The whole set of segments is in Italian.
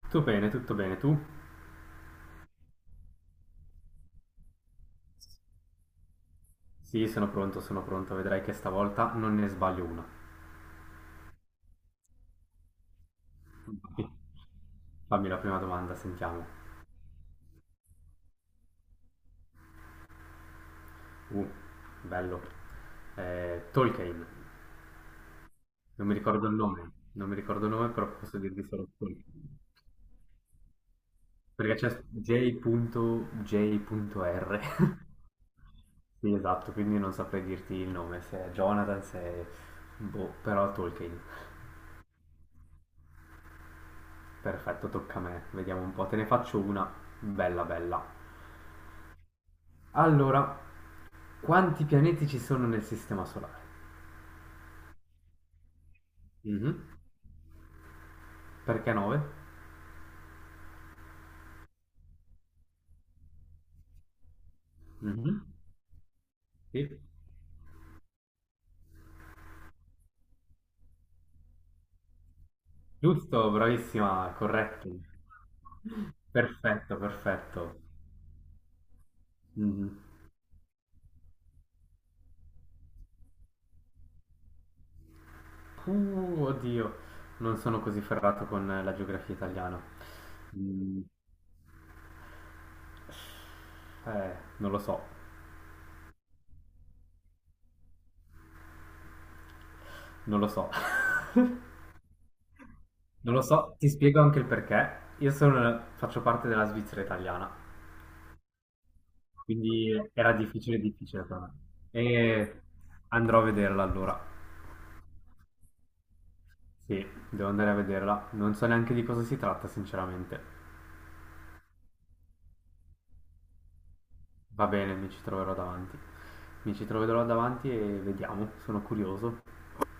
Tutto bene, tutto bene. Tu? Sì, sono pronto, sono pronto. Vedrai che stavolta non ne sbaglio una. Vai. Fammi la prima domanda, sentiamo. Uh, Bello. Tolkien. Non mi ricordo il nome. Non mi ricordo il nome, però posso dirti solo Tolkien. Perché c'è J.J.R. Sì, esatto, quindi non saprei dirti il nome, se è Jonathan, se è... Boh, però Tolkien. Perfetto, tocca a me. Vediamo un po', te ne faccio una bella bella. Allora, quanti pianeti ci sono nel Sistema Solare? Mhm. Perché 9? Sì. Giusto, bravissima, corretto. Perfetto, perfetto. Mhm. Oddio, non sono così ferrato con la geografia italiana. Mm, non lo so, non lo so. Non lo so, ti spiego anche il perché. Io sono, faccio parte della Svizzera italiana. Quindi era difficile, difficile per me. E andrò a vederla allora. Sì, devo andare a vederla. Non so neanche di cosa si tratta, sinceramente. Va bene, mi ci troverò davanti. Mi ci troverò davanti e vediamo. Sono curioso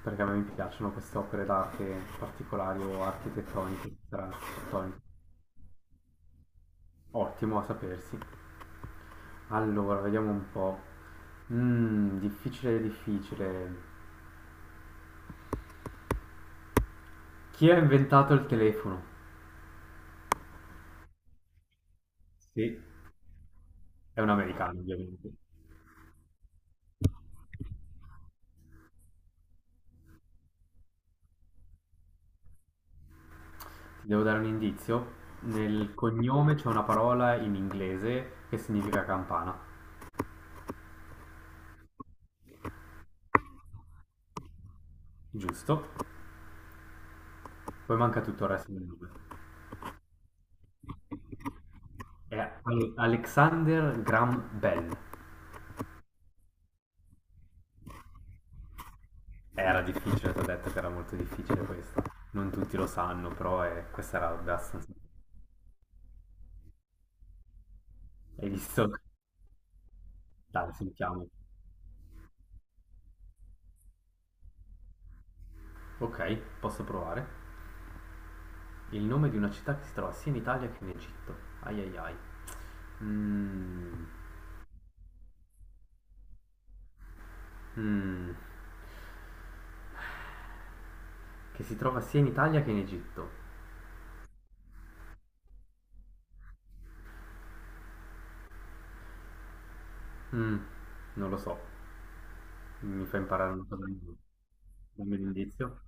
perché a me mi piacciono queste opere d'arte particolari o architettoniche, strane, architettoniche. Ottimo a sapersi. Allora, vediamo un po'. Difficile, difficile. Chi ha inventato il telefono? Sì, è un americano, ovviamente. Devo dare un indizio. Nel cognome c'è una parola in inglese che significa campana, giusto? Poi manca tutto il resto del nome. È Alexander Graham Bell. Era difficile, ti ho detto che era molto difficile questa. Non tutti lo sanno, però è- questa era abbastanza... Hai visto? Dai, sentiamo. Ok, posso provare. Il nome di una città che si trova sia in Italia che in Egitto. Ai ai ai. Mm, mm, che si trova sia in Italia che in Egitto. Mm, non lo so, mi fa imparare una cosa nuova. Dammi un indizio.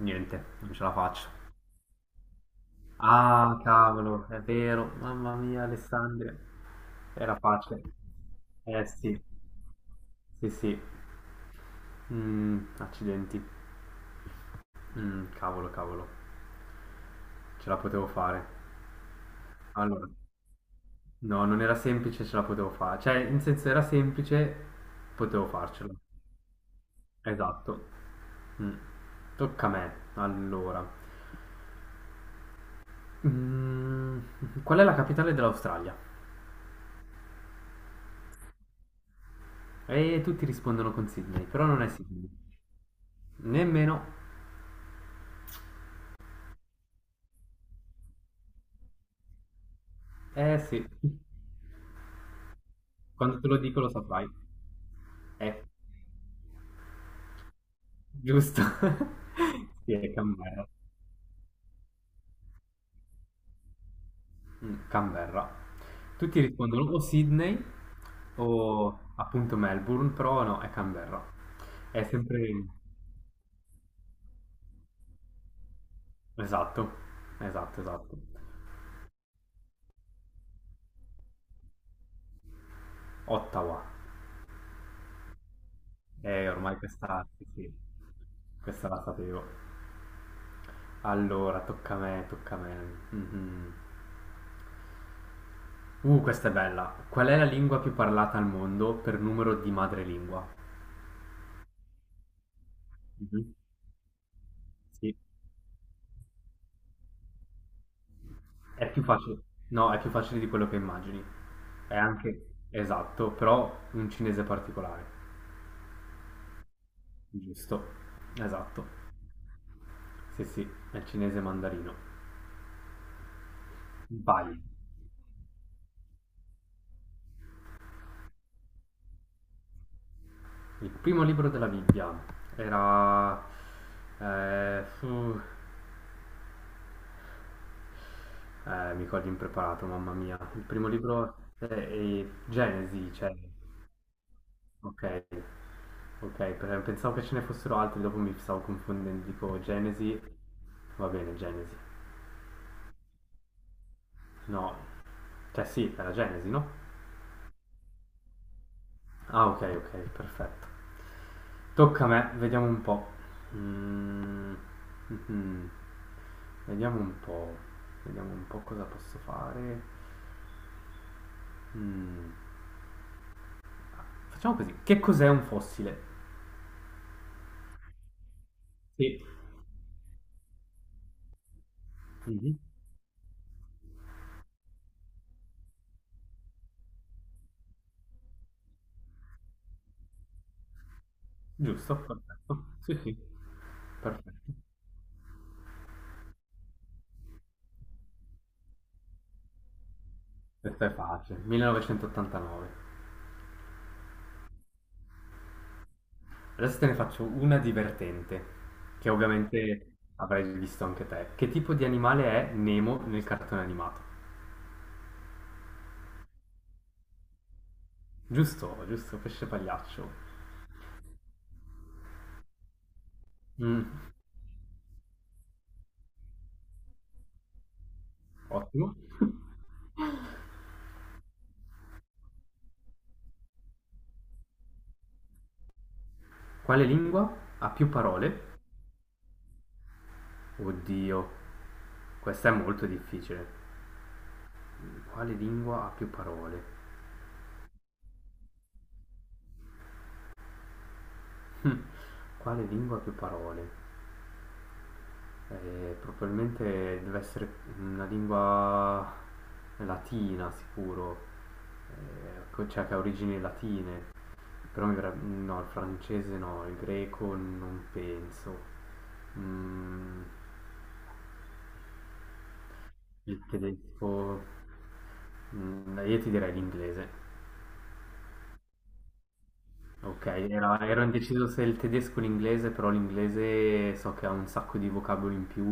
Niente, non ce la faccio. Ah, cavolo, è vero. Mamma mia, Alessandria. Era facile. Eh sì, sì, sì. Accidenti. Cavolo, cavolo. Ce la potevo fare. Allora, no, non era semplice, ce la potevo fare. Cioè, in senso era semplice, potevo farcela. Esatto. Mm. Tocca a me. Allora. Qual è la capitale dell'Australia? E tutti rispondono con Sydney, però non è Sydney. Nemmeno. Eh sì, quando te lo dico lo saprai. Eh, giusto. Sì, è Canberra. Mm, Canberra. Tutti rispondono o Sydney o appunto Melbourne, però no, è Canberra. È sempre... Esatto, esatto, esatto. Ottawa. Ormai questa... Sì, sì, questa la sapevo. Allora, tocca a me, tocca a me. Mhm. Questa è bella. Qual è la lingua più parlata al mondo per numero di madrelingua? Mhm. Sì. È più facile. No, è più facile di quello che immagini. È anche esatto, però un cinese particolare. Giusto. Esatto. Sì, sì, è il cinese mandarino. Vai. Il primo libro della Bibbia era eh, fu- mi cogli impreparato, mamma mia. Il primo libro è Genesi, cioè, ok, ok, pensavo che ce ne fossero altri, dopo mi stavo confondendo, dico Genesi, va bene, Genesi. No, cioè sì, era Genesi, no? Ah, ok, ok, perfetto. Tocca a me, vediamo un po'. Mm, mhm. Vediamo un po', vediamo un po' cosa posso fare. Mm, Facciamo così, che cos'è un fossile? Sì. Mhm. Giusto, perfetto. Sì, sì, perfetto. Questa è facile. 1989. Adesso te ne faccio una divertente, che ovviamente avrai visto anche te. Che tipo di animale è Nemo nel cartone animato? Giusto, giusto, pesce pagliaccio. Mm, ottimo. Quale lingua ha più parole? Oddio, questa è molto difficile. Quale lingua ha più parole? Quale lingua ha più parole? Probabilmente deve essere una lingua latina sicuro, co cioè che ha origini latine, però mi verreb no, il francese no, il greco non penso, mhmm, il tedesco, mhmm, io ti direi l'inglese. Ok, ero indeciso se il tedesco o l'inglese, però l'inglese so che ha un sacco di vocaboli in più,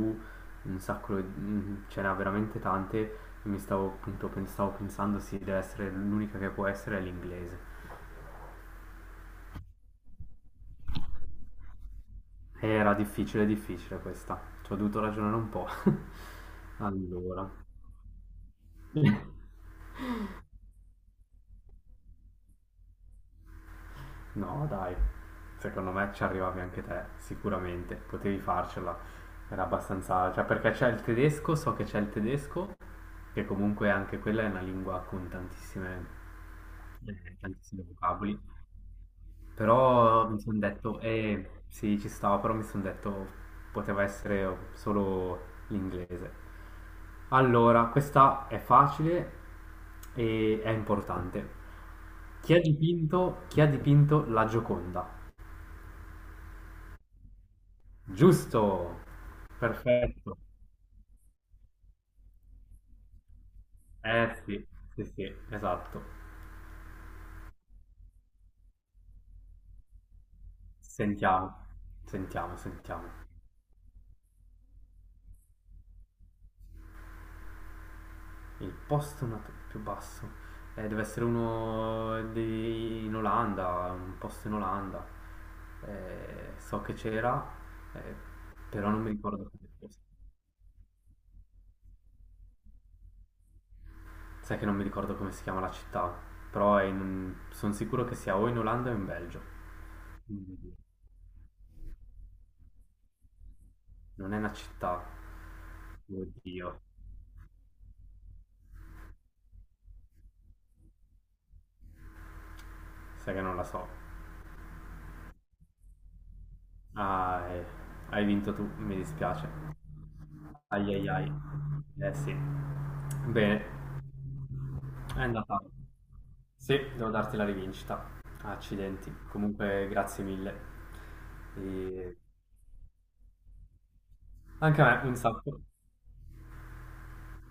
un sacco, ce n'ha veramente tante, mi stavo appunto stavo pensando sì, deve essere l'unica che può essere è l'inglese. Era difficile, difficile questa, ci ho dovuto ragionare un po'. Allora, no dai, secondo me ci arrivavi anche te, sicuramente, potevi farcela, era abbastanza, cioè perché c'è il tedesco, so che c'è il tedesco, che comunque anche quella è una lingua con tantissime, tantissimi vocaboli. Però mi sono detto, eh sì, ci stava, però mi sono detto poteva essere solo l'inglese. Allora, questa è facile e è importante. Chi ha dipinto la Gioconda? Giusto, perfetto. Eh sì, sì, sì, esatto. Sentiamo, sentiamo, sentiamo. Il più basso deve essere in Olanda, un posto in Olanda. So che c'era, eh, però non mi ricordo come fosse. Sai che non mi ricordo come si chiama la città, però sono sicuro che sia o in Olanda o in Belgio. Mm. Non è una città. Oddio, sai che non la so. Ah, hai vinto tu, mi dispiace. Ai ai ai. Eh sì. Bene. È andata. Sì, devo darti la rivincita. Accidenti. Comunque, grazie mille. E anche a me, un sacco.